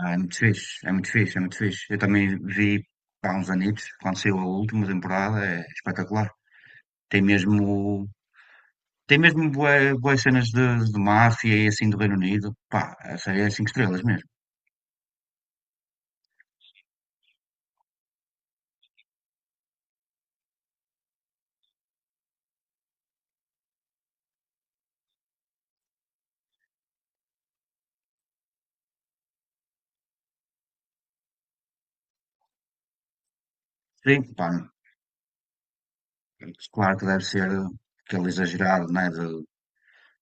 Ah, é muito fixe, é muito fixe, é muito fixe. Eu também vi há uns anitos, quando saiu a última temporada, é espetacular. Tem mesmo, tem mesmo bué, bué cenas de máfia e assim do Reino Unido. Pá, a série é cinco estrelas mesmo. Sim, pá, claro que deve ser aquele exagerado, né, de,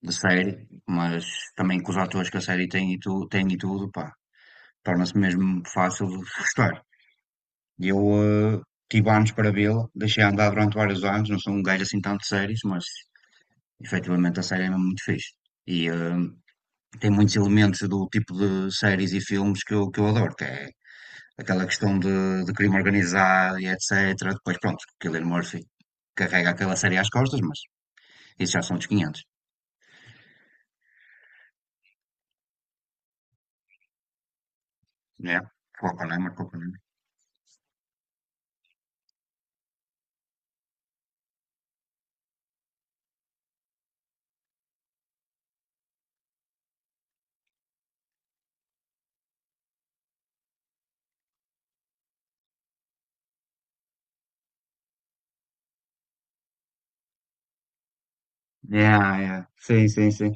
de série, mas também com os atores que a série tem e, tu, tem e tudo, pá, torna-se mesmo fácil de gostar. E eu eh, tive anos para vê-la, deixei andar durante vários anos, não sou um gajo assim tanto de séries, mas efetivamente a série é mesmo muito fixe. E tem muitos elementos do tipo de séries e filmes que eu adoro, que é aquela questão de crime organizado e etc. Depois, pronto, Cillian Murphy carrega aquela série às costas, mas isso já são dos 500, né? Oppenheimer, Oppenheimer. Yeah, yeah. Sim, sim, sim.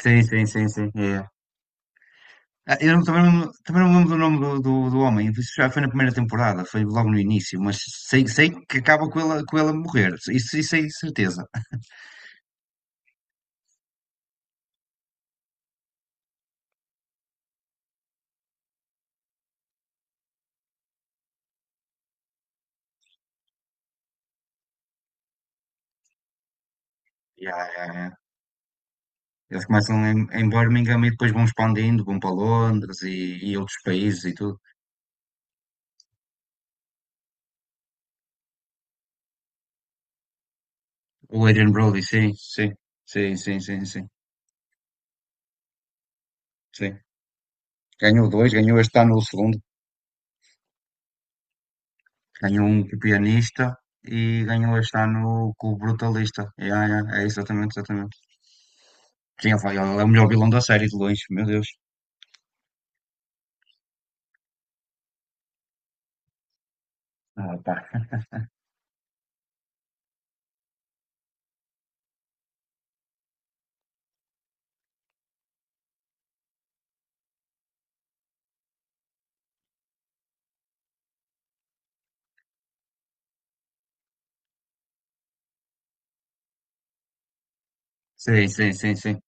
Sim, sim, sim, sim. Yeah. Ah, eu não- também, não- também não me lembro do nome do homem. Isso já foi na primeira temporada, foi logo no início, mas sei, sei que acaba com ela morrer. Isso é certeza. Yeah, yeah, yeah. Eles começam em Birmingham e depois vão expandindo, vão para Londres e outros países e tudo. O Adrian Brody, sim, sim, sim, sim, sim, sim, sim. Ganhou dois, ganhou este ano o segundo, ganhou um com o pianista e ganhou este ano com o brutalista. Yeah, yeah, é exatamente, exatamente. Sim, ele foi- ele é o melhor vilão da série de longe, meu Deus. Ah, tá. Sim, sim, sim, sim.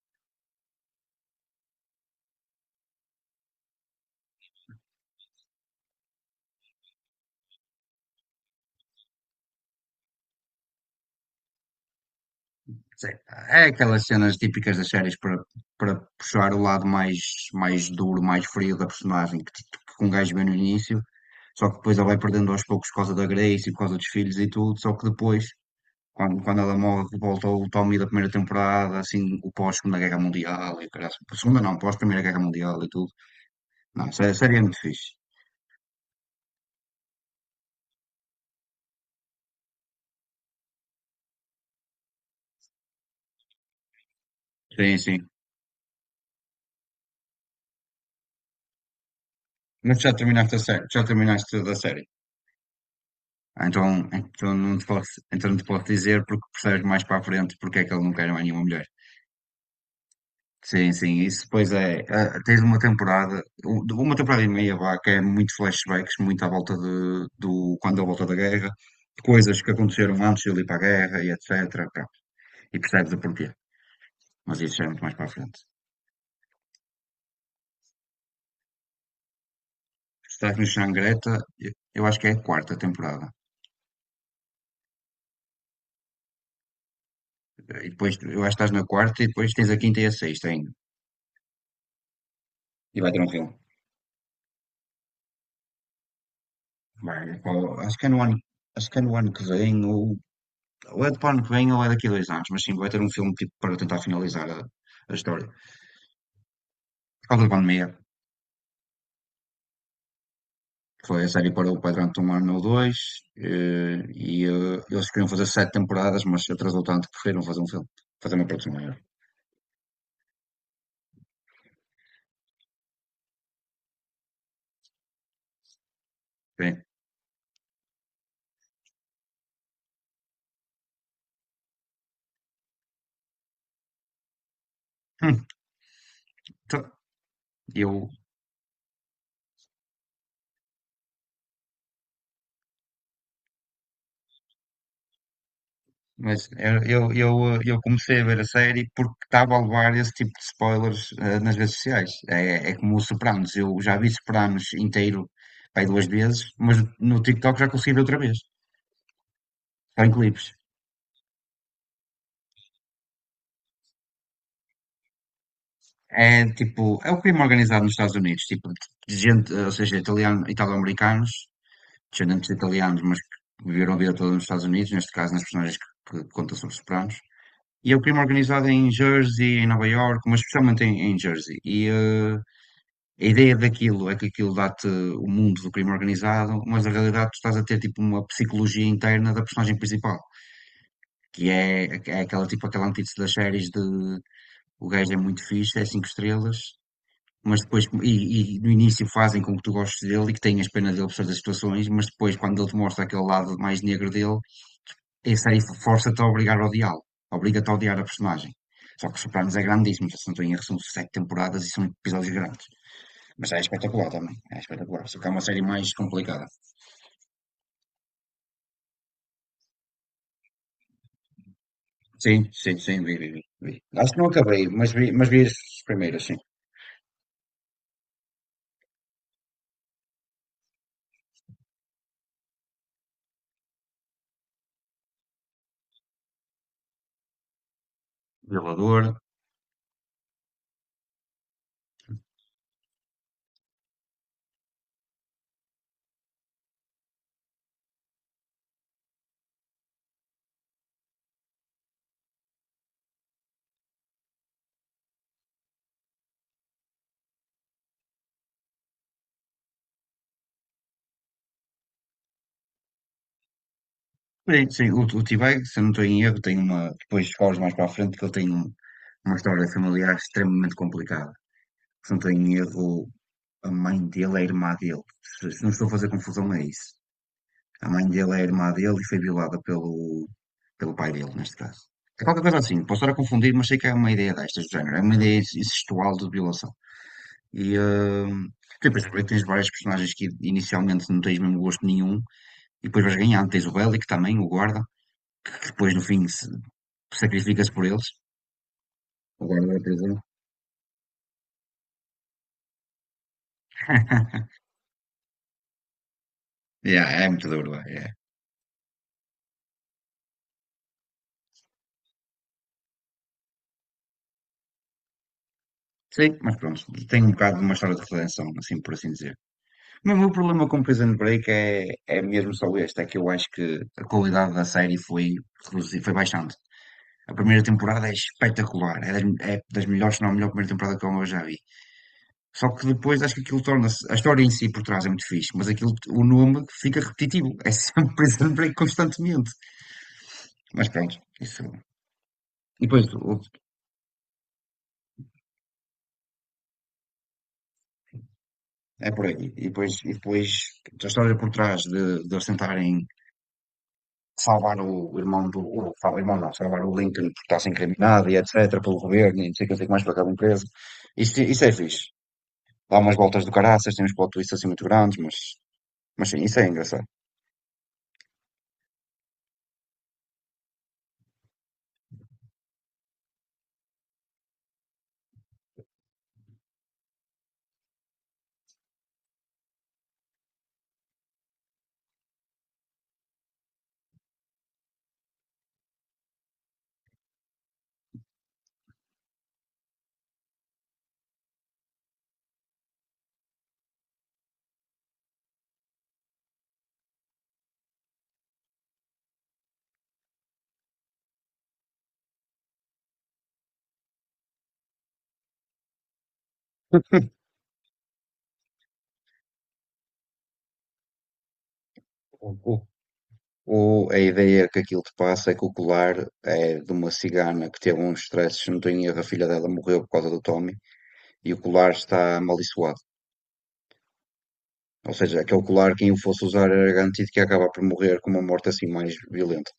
Sim. É aquelas cenas típicas das séries para, para puxar o lado mais, mais duro, mais frio da personagem, que, t- que um gajo vê no início, só que depois ela vai perdendo aos poucos por causa da Grace e por causa dos filhos e tudo, só que depois, quando ela morre, volta o Tommy da primeira temporada, assim, o pós-Segunda Guerra Mundial e o caralho. Segunda não, pós-Primeira Guerra Mundial e tudo. Não, a série é muito fixe. Sim, sim. Mas já terminaste a série, já terminaste da série. Ah, então, então, não te posso, então não te posso dizer porque percebes mais para a frente porque é que ele não quer mais nenhuma mulher. Sim, sim, isso depois é. Tens uma temporada, um- de uma temporada e meia, vá, que é muito flashbacks, muito à volta de, do quando a volta da guerra, de coisas que aconteceram antes de ele ir para a guerra e etc. Pá, e percebes o porquê. Mas isso já é muito mais para a frente. Estás no Xangreta, eu eu acho que é a quarta temporada. E depois, eu acho que estás na quarta e depois tens a quinta e a sexta ainda. E vai ter um filme. Bem, pá, acho que é no ano, acho que é no ano que vem, ou é do ano que vem, ou é daqui a dois anos, mas sim, vai ter um filme tipo para tentar finalizar a história. Por causa da pandemia, foi a série parou pá, durante um ano ou dois, e eles queriam fazer sete temporadas, mas atrasou tanto que preferiram fazer um filme, fazer uma produção maior. Bem, hum, tá, eu Mas eu comecei a ver a série porque estava a levar esse tipo de spoilers nas redes sociais. É, é como o Sopranos. Eu já vi Sopranos inteiro pai, duas vezes, mas no TikTok já consegui ver outra vez, só em clipes. É tipo, é o crime organizado nos Estados Unidos, tipo, de gente, ou seja, italiano, italo-americanos, descendentes de italianos, mas que viveram a vida toda nos Estados Unidos, neste caso nas personagens que contam sobre Sopranos. E é o crime organizado em Jersey, em Nova York, mas especialmente em Jersey. E, a ideia daquilo é que aquilo dá-te o mundo do crime organizado, mas na realidade tu estás a ter tipo uma psicologia interna da personagem principal, que é, é aquela tipo aquela antítese das séries de o gajo é muito fixe, é cinco estrelas, mas depois e no início fazem com que tu gostes dele e que tenhas pena dele por certas situações, mas depois quando ele te mostra aquele lado mais negro dele, essa aí força-te a obrigar a odiá-lo, obriga-te a odiar a personagem. Só que Sopranos é grandíssimo, já se não estou em erro, são sete temporadas e são episódios grandes. Mas é espetacular também. É espetacular. Só que é uma série mais complicada. Sim, sim, sim, vi, vi, vi. Vi. Acho que não acabei, mas vi as primeiras, sim. Violador. Sim, sim. O T-Bag, se eu não estou em erro, tem uma. Depois falas mais para a frente que ele tem um- uma história familiar extremamente complicada. Se não estou em erro, a mãe dele é a irmã dele. Se não estou a fazer confusão, é isso. A mãe dele é a irmã dele e foi violada pelo, pelo pai dele, neste caso. É qualquer coisa assim, posso estar a confundir, mas sei que é uma ideia destas do género, é uma ideia incestual de violação. E depois descobri que tens vários personagens que inicialmente não tens mesmo gosto nenhum, e depois vais ganhando. Tens o Bellic também, o guarda, que depois no fim se- sacrifica-se por eles, o guarda da prisão. Yeah, é muito duro, é. Sim, mas pronto, tem um bocado de uma história de redenção, assim por assim dizer. Mas o meu problema com Prison Break é, é mesmo só este, é que eu acho que a qualidade da série foi, reduzi- foi baixante. A primeira temporada é espetacular, é das melhores, se não a melhor primeira temporada que eu já vi. Só que depois acho que aquilo torna-se, a história em si por trás é muito fixe, mas aquilo, o nome fica repetitivo, é sempre Prison Break constantemente. Mas pronto, isso. E depois o- é por aí. E depois a história por trás de eles tentarem salvar o irmão do. O irmão não, salvar o Lincoln porque está a ser incriminado e etc. pelo governo e não sei o que não sei o que mais para aquela empresa. Isso isso é fixe. Dá umas voltas do caraças, tem uns plot twists assim muito grandes, mas sim, isso é engraçado. O- a ideia que aquilo te passa é que o colar é de uma cigana que teve uns stresses, se não tenho erro, a filha dela morreu por causa do Tommy e o colar está amaldiçoado. Ou seja, aquele colar, quem o fosse usar era garantido que ia acabar por morrer com uma morte assim mais violenta.